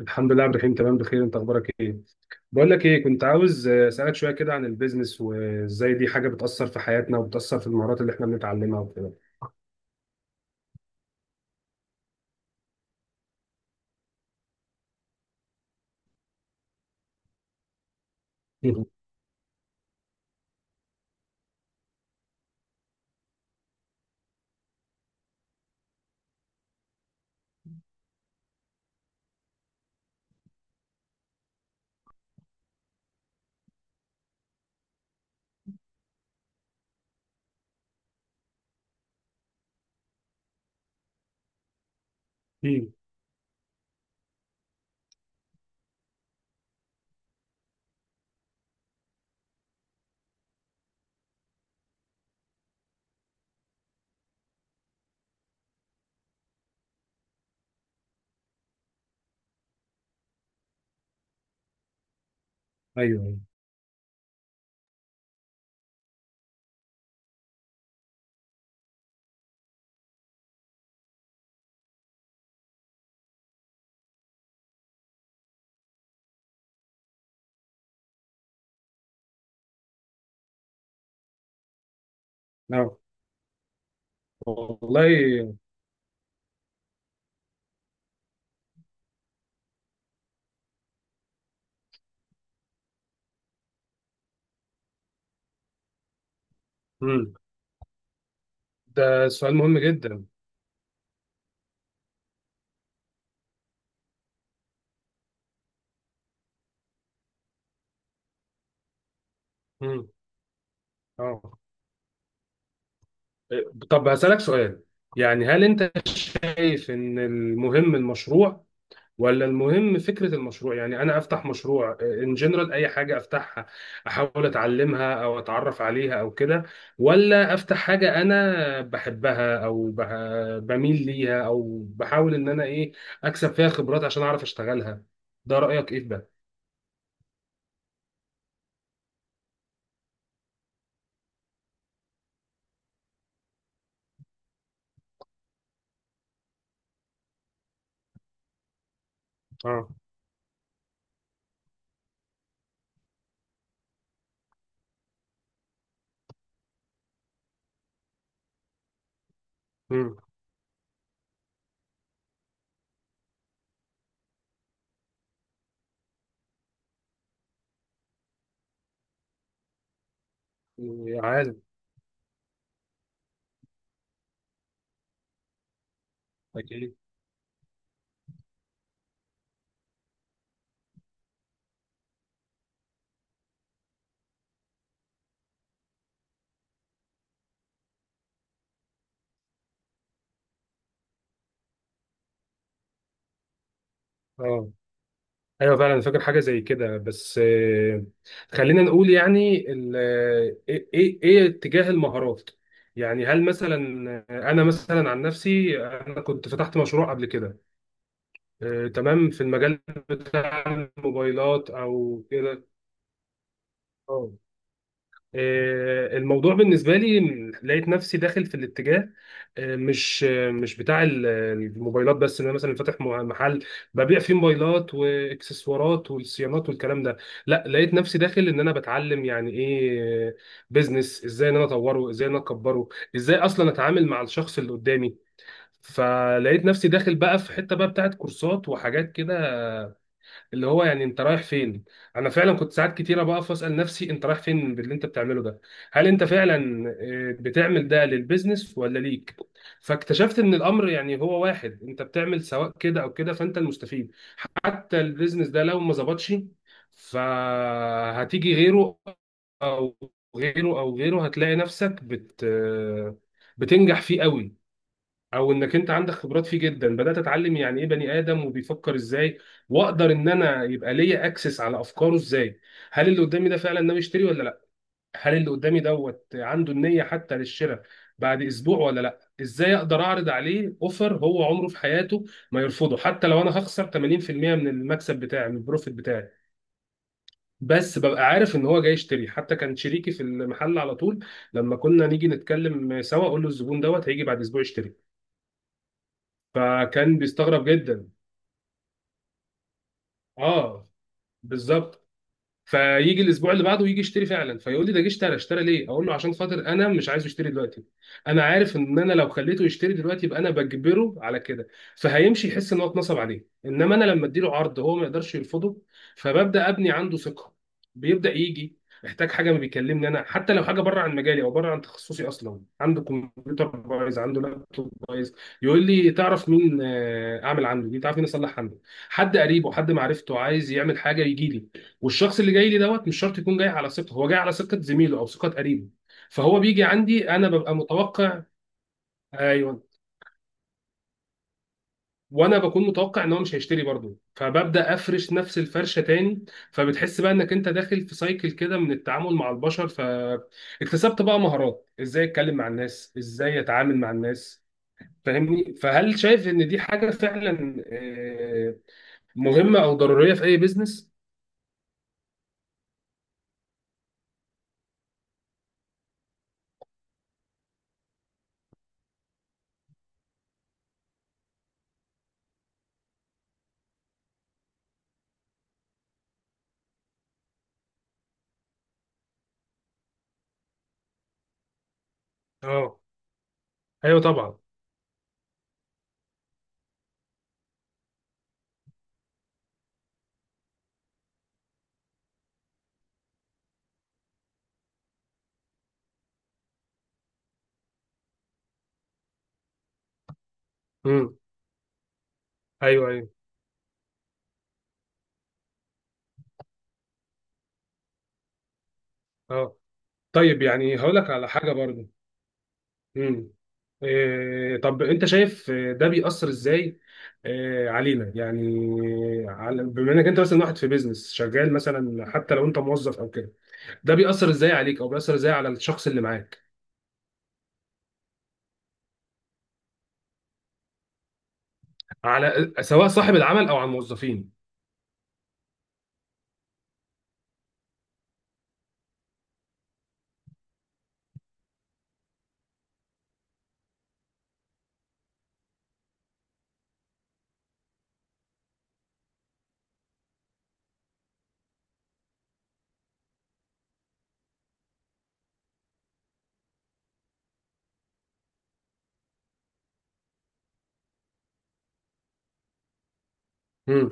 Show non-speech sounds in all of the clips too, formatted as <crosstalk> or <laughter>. الحمد لله يا عبد الرحيم، تمام بخير. انت اخبارك ايه؟ بقول لك ايه، كنت عاوز اسالك شويه كده عن البيزنس وازاي دي حاجه بتاثر في حياتنا وبتاثر في المهارات اللي احنا بنتعلمها وكده. <laughs> مم. مم. ايوه. اه. والله. مم. ده سؤال مهم جدا. مم. اه. طب هسالك سؤال، يعني هل انت شايف ان المهم المشروع ولا المهم فكرة المشروع؟ يعني أنا أفتح مشروع إن جنرال أي حاجة أفتحها أحاول أتعلمها أو أتعرف عليها أو كده، ولا أفتح حاجة أنا بحبها أو بميل ليها، أو بحاول إن أنا أكسب فيها خبرات عشان أعرف أشتغلها؟ ده رأيك إيه في ده؟ آه. أمم. عالم. أكيد. آه. ايوه فعلا، أنا فاكر حاجه زي كده، بس خلينا نقول يعني ايه ايه إيه اتجاه المهارات. يعني هل مثلا انا مثلا عن نفسي، انا كنت فتحت مشروع قبل كده. تمام، في المجال بتاع الموبايلات او كده. الموضوع بالنسبة لي، لقيت نفسي داخل في الاتجاه، مش بتاع الموبايلات بس، ان انا مثلا فاتح محل ببيع فيه موبايلات واكسسوارات والصيانات والكلام ده. لا، لقيت نفسي داخل ان انا بتعلم يعني ايه بيزنس، ازاي ان انا اطوره، ازاي ان انا اكبره، ازاي اصلا اتعامل مع الشخص اللي قدامي. فلقيت نفسي داخل بقى في حتة بقى بتاعت كورسات وحاجات كده، اللي هو يعني انت رايح فين. انا فعلا كنت ساعات كتيره بقف اسال نفسي انت رايح فين باللي انت بتعمله ده، هل انت فعلا بتعمل ده للبيزنس ولا ليك. فاكتشفت ان الامر يعني هو واحد، انت بتعمل سواء كده او كده فانت المستفيد. حتى البيزنس ده لو ما ظبطش، فهتيجي غيره او غيره او غيره، هتلاقي نفسك بت آه، بتنجح فيه قوي، او انك انت عندك خبرات فيه جدا. بدات اتعلم يعني ايه بني ادم وبيفكر ازاي، واقدر ان انا يبقى ليا اكسس على افكاره ازاي، هل اللي قدامي ده فعلا ناوي يشتري ولا لا، هل اللي قدامي دوت عنده النيه حتى للشراء بعد اسبوع ولا لا، ازاي اقدر اعرض عليه اوفر هو عمره في حياته ما يرفضه حتى لو انا هخسر 80% من المكسب بتاعي من البروفيت بتاعي، بس ببقى عارف ان هو جاي يشتري. حتى كان شريكي في المحل على طول، لما كنا نيجي نتكلم سوا اقول له الزبون دوت هيجي بعد اسبوع يشتري، فكان بيستغرب جدا. اه، بالظبط. فيجي الاسبوع اللي بعده يجي يشتري فعلا، فيقول لي ده جه اشترى، اشترى ليه، اقول له عشان خاطر انا مش عايزه يشتري دلوقتي. انا عارف ان انا لو خليته يشتري دلوقتي يبقى انا بجبره على كده، فهيمشي يحس ان هو اتنصب عليه، انما انا لما اديله عرض هو ما يقدرش يرفضه، فببدا ابني عنده ثقه. بيبدا يجي، احتاج حاجه ما بيكلمني انا حتى لو حاجه بره عن مجالي او بره عن تخصصي، اصلا عنده كمبيوتر بايظ، عنده لابتوب بايظ، يقول لي تعرف مين اعمل عنده دي، تعرف مين اصلح عنده. حد قريبه حد معرفته عايز يعمل حاجه يجي لي، والشخص اللي جاي لي دوت مش شرط يكون جاي على ثقه، هو جاي على ثقه زميله او ثقه قريبه، فهو بيجي عندي انا ببقى متوقع. ايوه. وانا بكون متوقع ان هو مش هيشتري برضه، فببدا افرش نفس الفرشه تاني. فبتحس بقى انك انت داخل في سايكل كده من التعامل مع البشر، فاكتسبت بقى مهارات ازاي اتكلم مع الناس، ازاي اتعامل مع الناس. فاهمني؟ فهل شايف ان دي حاجه فعلا مهمه او ضروريه في اي بيزنس؟ اه. ايوه طبعا. امم. ايوه. ايوه. اه. طيب، يعني هقول لك على حاجه برضو. امم. إيه، طب انت شايف ده بيأثر ازاي؟ إيه علينا يعني؟ على بما انك انت مثلا واحد في بيزنس شغال، مثلا حتى لو انت موظف او كده، ده بيأثر ازاي عليك او بيأثر ازاي على الشخص اللي معاك؟ على سواء صاحب العمل او على الموظفين. امم.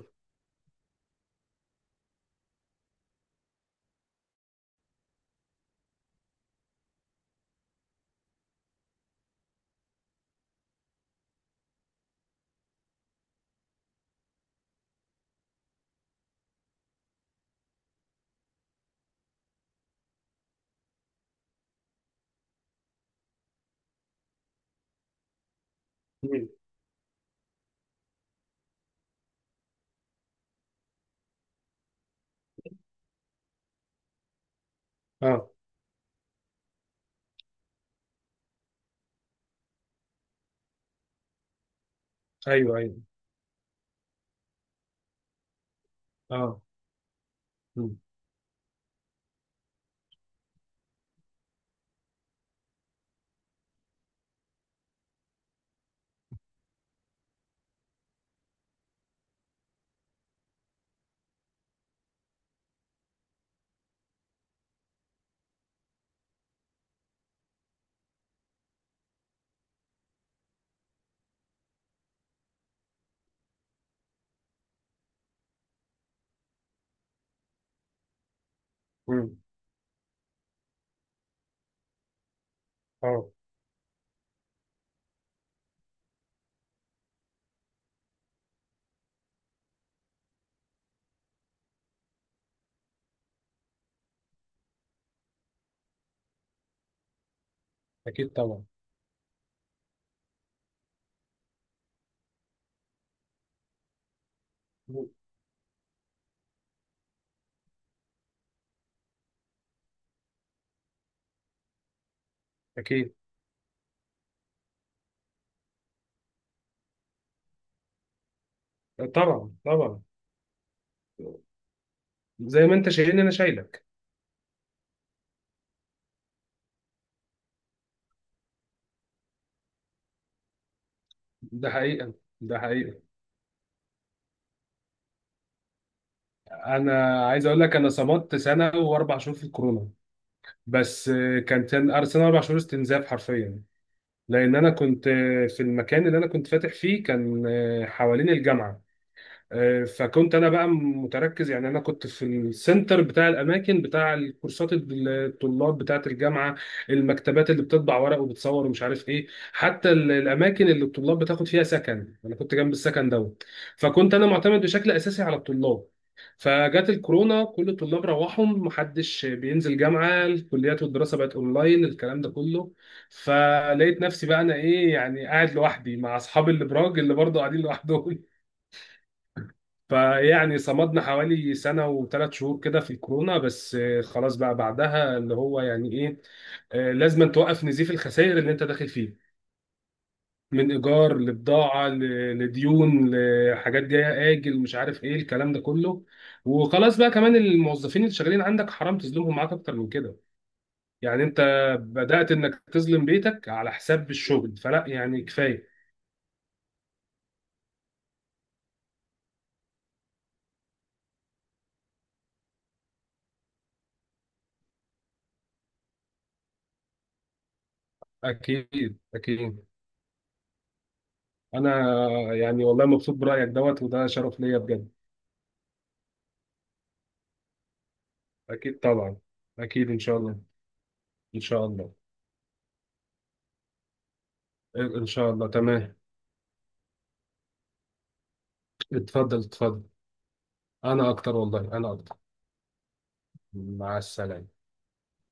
امم. اه. ايوه. ايوه. اه. امم. امم. اه. اكيد طبعا. مم. اكيد طبعا طبعا. زي ما انت شايلني انا شايلك. ده حقيقة. ده حقيقة، انا عايز اقول لك انا صمدت سنه و4 شهور في الكورونا، بس كان سنة و4 شهور استنزاف حرفيا. لان انا كنت في المكان اللي انا كنت فاتح فيه، كان حوالين الجامعه. فكنت انا بقى متركز، يعني انا كنت في السنتر بتاع الاماكن بتاع الكورسات، الطلاب بتاعه الجامعه، المكتبات اللي بتطبع ورق وبتصور ومش عارف ايه. حتى الاماكن اللي الطلاب بتاخد فيها سكن انا كنت جنب السكن دوت، فكنت انا معتمد بشكل اساسي على الطلاب. فجت الكورونا كل الطلاب روحوا، محدش بينزل جامعه، الكليات والدراسه بقت اونلاين، الكلام ده كله. فلقيت نفسي بقى انا ايه يعني قاعد لوحدي مع اصحابي الابراج اللي برضه قاعدين لوحدهم. فيعني صمدنا حوالي سنة و3 شهور كده في الكورونا، بس خلاص بقى بعدها اللي هو يعني ايه، لازم توقف نزيف الخسائر اللي انت داخل فيه من ايجار لبضاعة لديون لحاجات جاية اجل مش عارف ايه الكلام ده كله. وخلاص بقى، كمان الموظفين اللي شغالين عندك حرام تظلمهم معاك اكتر من كده. يعني انت بدأت انك تظلم بيتك على حساب الشغل، فلا، يعني كفاية. اكيد اكيد. انا يعني والله مبسوط برأيك دوت، وده شرف ليا بجد. أكيد طبعا. أكيد إن شاء الله. إن شاء الله. إن شاء الله تمام. اتفضل اتفضل. أنا أكتر، والله أنا أكتر. مع السلامة.